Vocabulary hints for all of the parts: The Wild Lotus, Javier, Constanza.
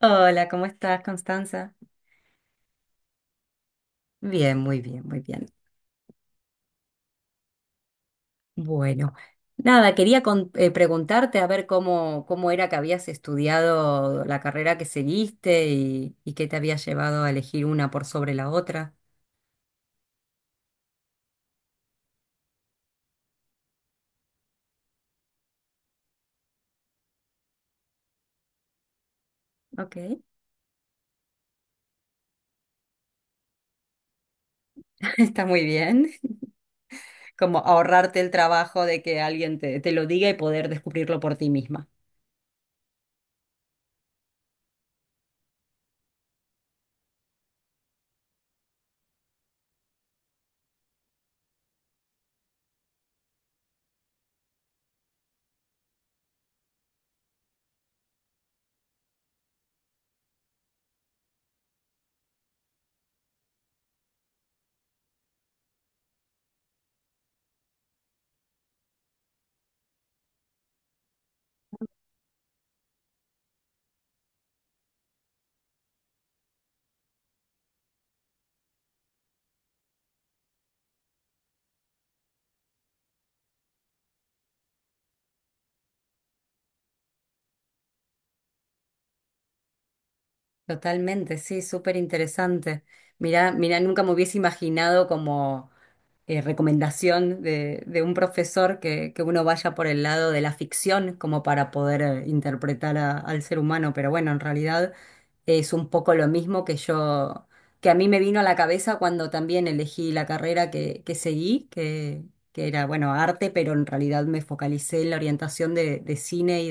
Hola, ¿cómo estás, Constanza? Bien, muy bien, muy bien. Bueno, nada, quería preguntarte a ver cómo era que habías estudiado la carrera que seguiste y qué te había llevado a elegir una por sobre la otra. Ok, está muy bien. Como ahorrarte el trabajo de que alguien te lo diga y poder descubrirlo por ti misma. Totalmente, sí, súper interesante. Mira, mira, nunca me hubiese imaginado como recomendación de un profesor que uno vaya por el lado de la ficción como para poder interpretar al ser humano, pero bueno, en realidad es un poco lo mismo que yo, que a mí me vino a la cabeza cuando también elegí la carrera que seguí, que era, bueno, arte, pero en realidad me focalicé en la orientación de cine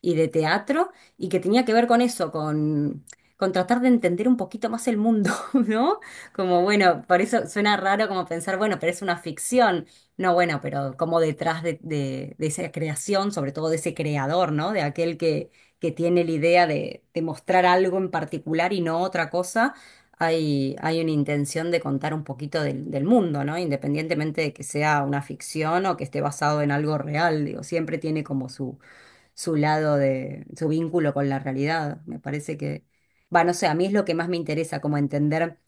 y de teatro y que tenía que ver con eso, con tratar de entender un poquito más el mundo, ¿no? Como bueno, por eso suena raro como pensar, bueno, pero es una ficción. No, bueno, pero como detrás de esa creación, sobre todo de ese creador, ¿no? De aquel que tiene la idea de mostrar algo en particular y no otra cosa. Hay una intención de contar un poquito del mundo, ¿no? Independientemente de que sea una ficción o que esté basado en algo real, digo, siempre tiene como su lado de, su vínculo con la realidad. Me parece que, va, no sé, a mí es lo que más me interesa, como entender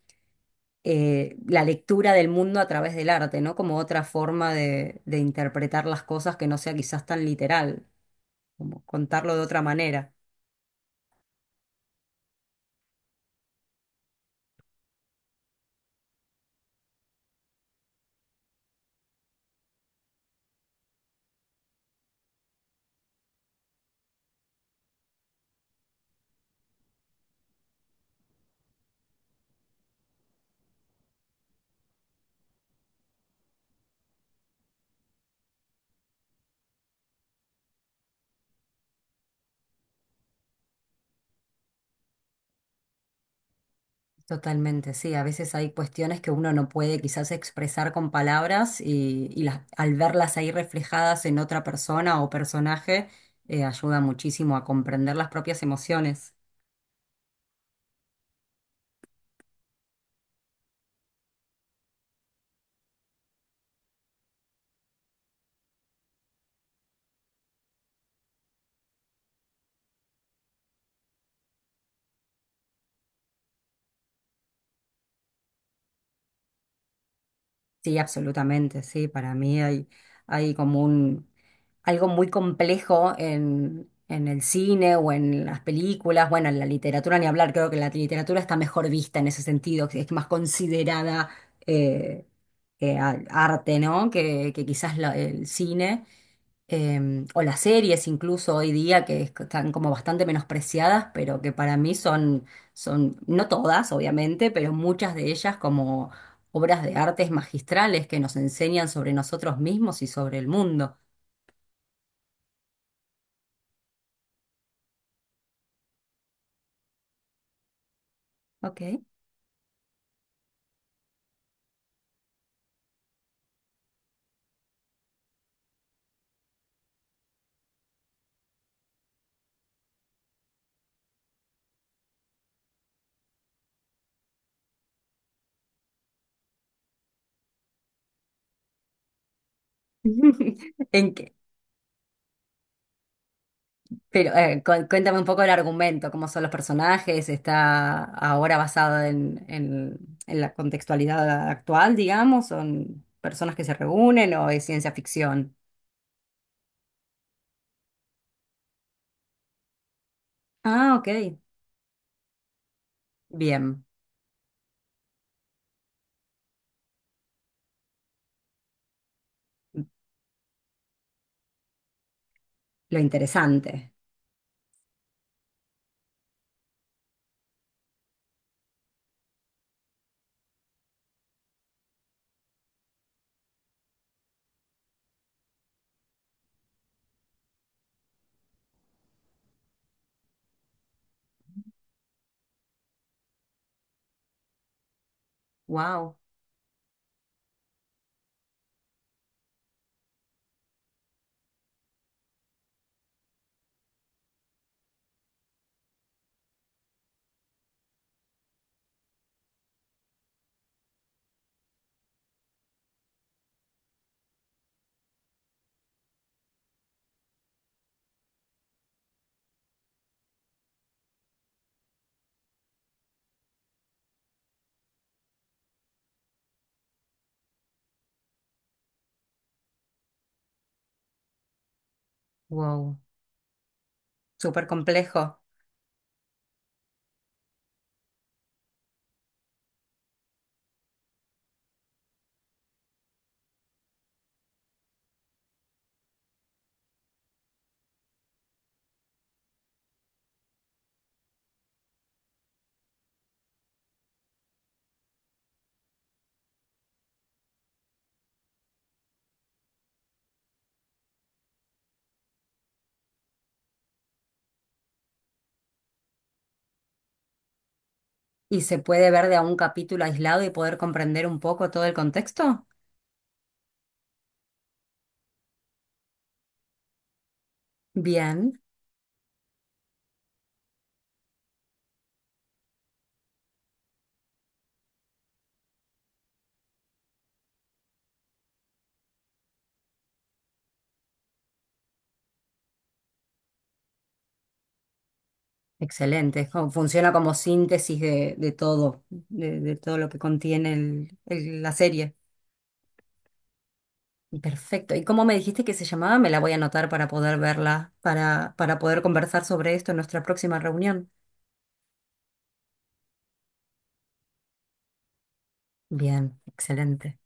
la lectura del mundo a través del arte, ¿no? Como otra forma de interpretar las cosas que no sea quizás tan literal, como contarlo de otra manera. Totalmente, sí. A veces hay cuestiones que uno no puede quizás expresar con palabras y las, al verlas ahí reflejadas en otra persona o personaje, ayuda muchísimo a comprender las propias emociones. Sí, absolutamente, sí. Para mí hay, hay como un, algo muy complejo en el cine o en las películas, bueno, en la literatura ni hablar, creo que la literatura está mejor vista en ese sentido, que es más considerada eh, arte, ¿no? Que quizás el cine o las series incluso hoy día que están como bastante menospreciadas, pero que para mí son, son, no todas obviamente, pero muchas de ellas como obras de artes magistrales que nos enseñan sobre nosotros mismos y sobre el mundo. Ok. ¿En qué? Pero cuéntame un poco el argumento, cómo son los personajes, está ahora basado en la contextualidad actual, digamos, son personas que se reúnen o es ciencia ficción. Ah, ok, bien. Lo interesante. Wow, wow, súper complejo. ¿Y se puede ver de a un capítulo aislado y poder comprender un poco todo el contexto? Bien, excelente. Es como Funciona como síntesis de todo lo que contiene la serie. Perfecto. ¿Y cómo me dijiste que se llamaba? Me la voy a anotar para poder verla, para poder conversar sobre esto en nuestra próxima reunión. Bien, excelente.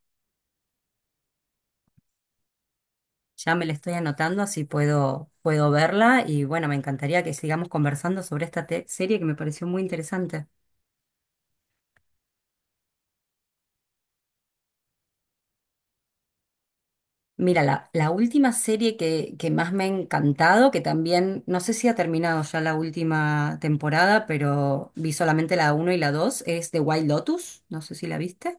Ya me la estoy anotando, así puedo, puedo verla y bueno, me encantaría que sigamos conversando sobre esta serie que me pareció muy interesante. Mira, la última serie que más me ha encantado, que también, no sé si ha terminado ya la última temporada, pero vi solamente la uno y la 2 es The Wild Lotus, no sé si la viste.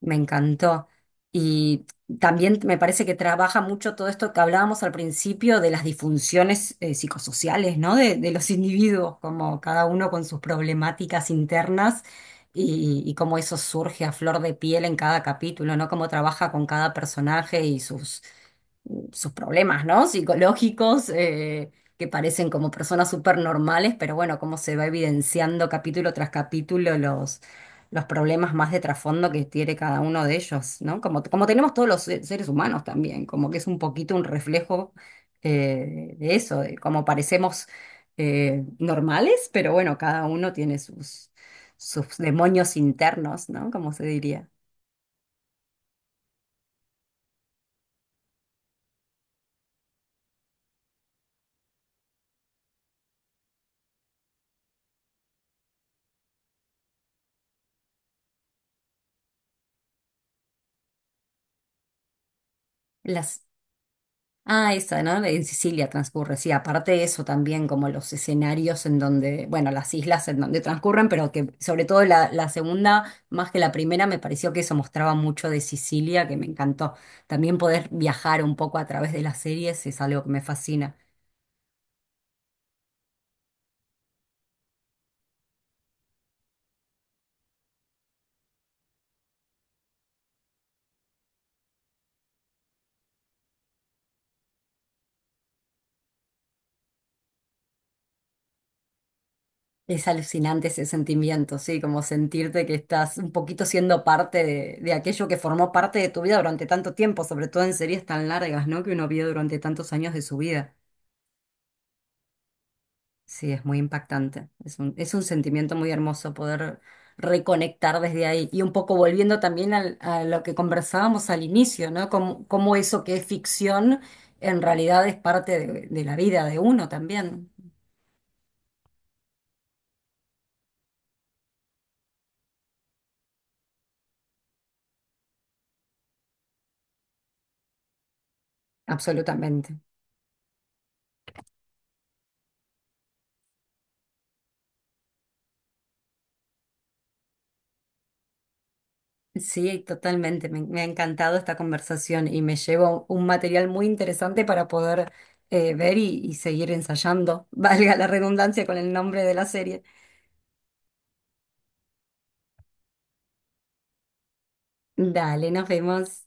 Me encantó. Y también me parece que trabaja mucho todo esto que hablábamos al principio de las disfunciones psicosociales, ¿no? De los individuos, como cada uno con sus problemáticas internas y cómo eso surge a flor de piel en cada capítulo, ¿no? Cómo trabaja con cada personaje y sus problemas, ¿no? Psicológicos, que parecen como personas súper normales, pero bueno, cómo se va evidenciando capítulo tras capítulo los problemas más de trasfondo que tiene cada uno de ellos, ¿no? Como, como tenemos todos los seres humanos también, como que es un poquito un reflejo de eso, de cómo parecemos normales, pero bueno, cada uno tiene sus, sus demonios internos, ¿no? Como se diría. Las, ah, esa, ¿no? En Sicilia transcurre, sí. Aparte de eso también, como los escenarios en donde, bueno, las islas en donde transcurren, pero que sobre todo la, la segunda, más que la primera, me pareció que eso mostraba mucho de Sicilia, que me encantó. También poder viajar un poco a través de las series es algo que me fascina. Es alucinante ese sentimiento, sí, como sentirte que estás un poquito siendo parte de aquello que formó parte de tu vida durante tanto tiempo, sobre todo en series tan largas, ¿no? Que uno vio durante tantos años de su vida. Sí, es muy impactante. Es un sentimiento muy hermoso poder reconectar desde ahí. Y un poco volviendo también a lo que conversábamos al inicio, ¿no? Cómo, cómo eso que es ficción en realidad es parte de la vida de uno también. Absolutamente. Sí, totalmente. Me ha encantado esta conversación y me llevo un material muy interesante para poder ver y seguir ensayando, valga la redundancia con el nombre de la serie. Dale, nos vemos.